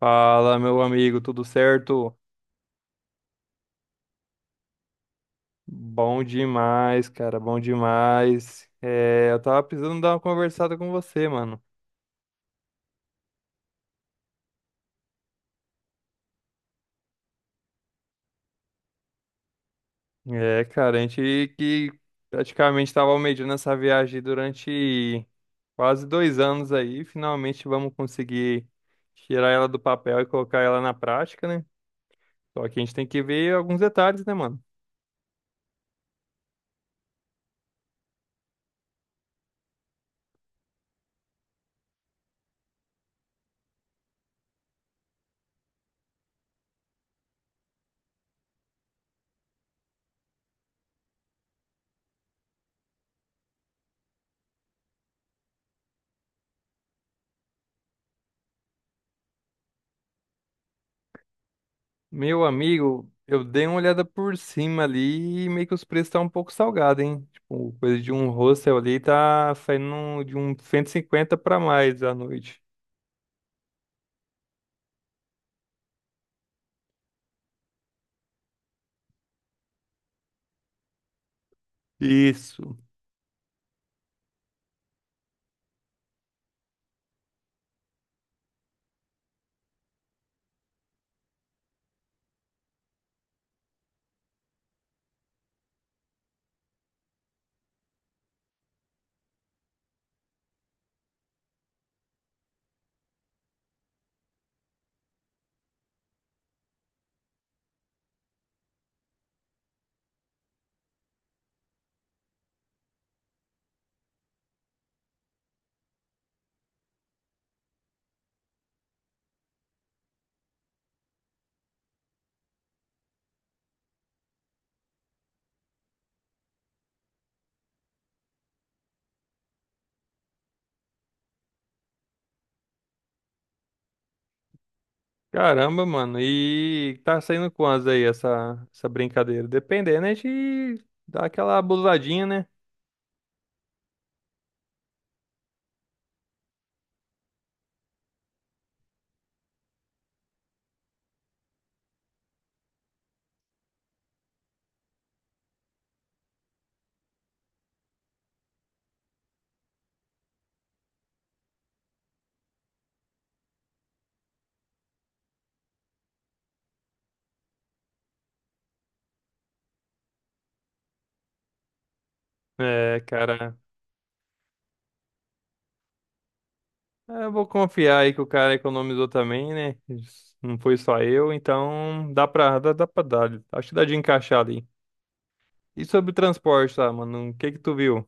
Fala, meu amigo, tudo certo? Bom demais, cara, bom demais. É, eu tava precisando dar uma conversada com você, mano. É, cara, a gente que praticamente tava almejando essa viagem durante quase 2 anos aí, finalmente vamos conseguir tirar ela do papel e colocar ela na prática, né? Só que a gente tem que ver alguns detalhes, né, mano? Meu amigo, eu dei uma olhada por cima ali e meio que os preços estão um pouco salgados, hein? Tipo, coisa de um hostel ali tá saindo de um 150 pra mais à noite. Isso. Caramba, mano. E tá saindo quantas aí essa brincadeira? Dependendo, a gente dá aquela abusadinha, né? É, cara. Eu vou confiar aí que o cara economizou também, né? Não foi só eu, então dá pra dar. Acho que dá de encaixar ali. E sobre o transporte, tá, mano? O que que tu viu?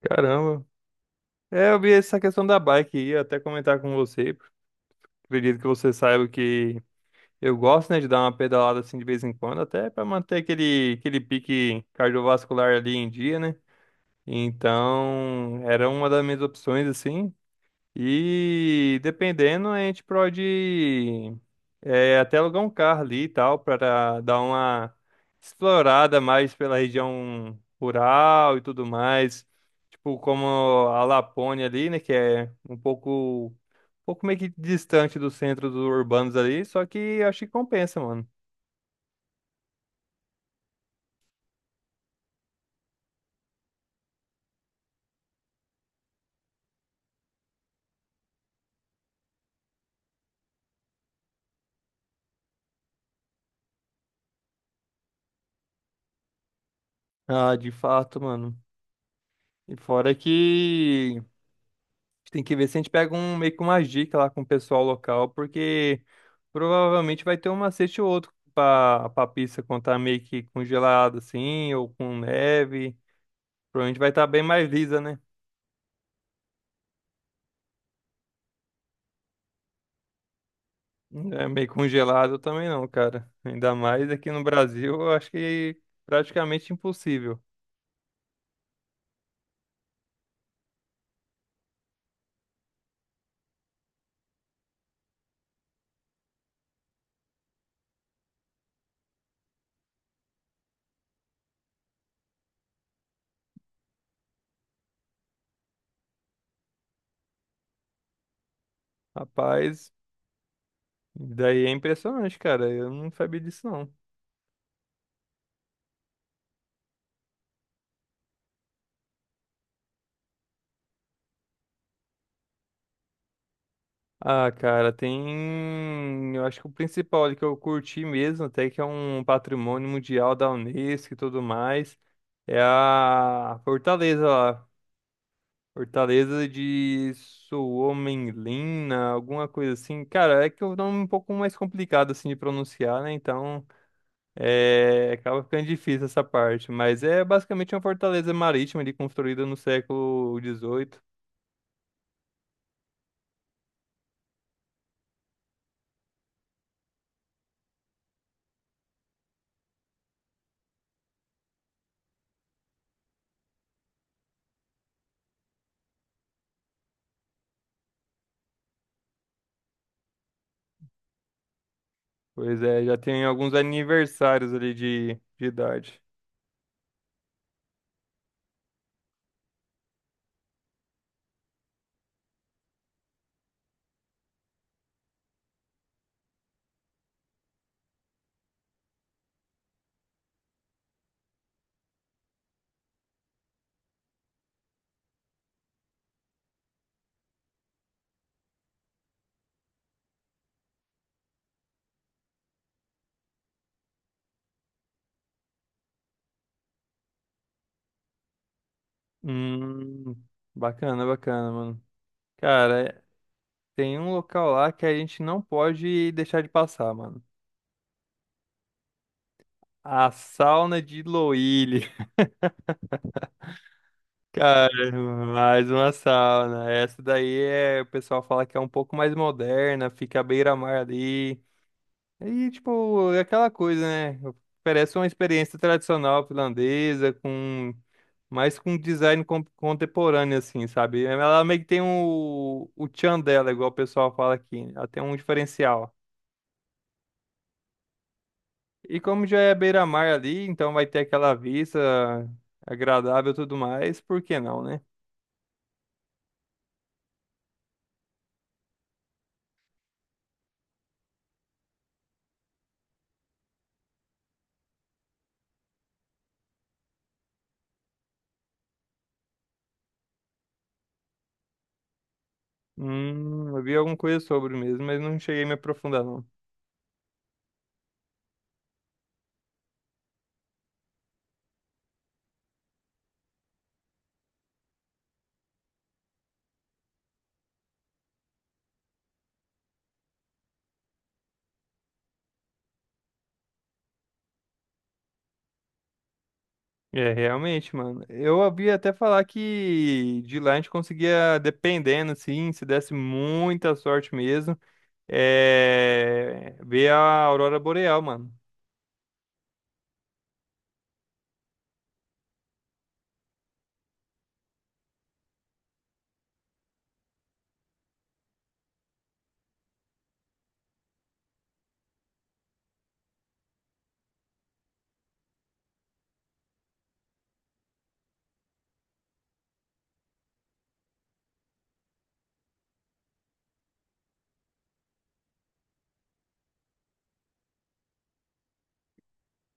Caramba. É, eu vi essa questão da bike e ia até comentar com você. Acredito que você saiba que eu gosto, né, de dar uma pedalada assim de vez em quando, até pra manter aquele pique cardiovascular ali em dia, né? Então, era uma das minhas opções, assim. E dependendo, a gente pode até alugar um carro ali e tal, para dar uma explorada mais pela região rural e tudo mais. Tipo, como a Lapônia ali, né? Que é um pouco meio que distante do centro dos urbanos ali, só que acho que compensa, mano. Ah, de fato, mano. E fora que a gente tem que ver se a gente pega um meio que uma dica lá com o pessoal local, porque. Provavelmente vai ter um macete ou outro pra pista quando tá meio que congelada assim, ou com neve. Provavelmente vai estar bem mais lisa, né? É meio congelado também não, cara. Ainda mais aqui no Brasil, eu acho que praticamente impossível. Rapaz, daí é impressionante, cara. Eu não sabia disso, não. Ah, cara, tem. Eu acho que o principal ali que eu curti mesmo, até que é um patrimônio mundial da Unesco e tudo mais, é a Fortaleza lá. Fortaleza de Suomenlinna, alguma coisa assim. Cara, é que o nome é um pouco mais complicado assim de pronunciar, né? Então, acaba ficando difícil essa parte. Mas é basicamente uma fortaleza marítima ali construída no século XVIII. Pois é, já tem alguns aniversários ali de idade. Hum, bacana, bacana, mano. Cara, tem um local lá que a gente não pode deixar de passar, mano. A sauna de Loíli. Cara, mais uma sauna. Essa daí é, o pessoal fala que é um pouco mais moderna, fica à beira-mar ali. E, tipo, é aquela coisa, né? Oferece uma experiência tradicional finlandesa, com mais com design contemporâneo, assim, sabe? Ela meio que tem o tchan dela, igual o pessoal fala aqui. Ela tem um diferencial. E como já é beira-mar ali, então vai ter aquela vista agradável e tudo mais, por que não, né? Eu vi alguma coisa sobre mesmo, mas não cheguei a me aprofundar, não. É, realmente, mano. Eu ouvi até falar que de lá a gente conseguia, dependendo, assim, se desse muita sorte mesmo, ver a aurora boreal, mano.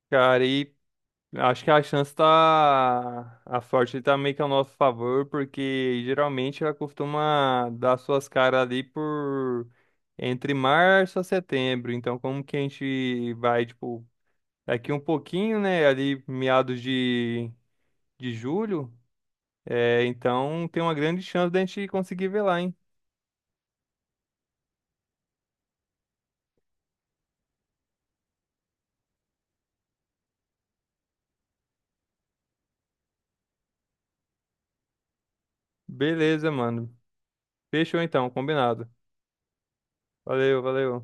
Cara, e acho que a chance tá... A sorte tá meio que ao nosso favor, porque geralmente ela costuma dar suas caras ali por... Entre março a setembro. Então, como que a gente vai, tipo Daqui um pouquinho, né? Ali meados de julho. É, então tem uma grande chance da gente conseguir ver lá, hein? Beleza, mano. Fechou então, combinado. Valeu, valeu.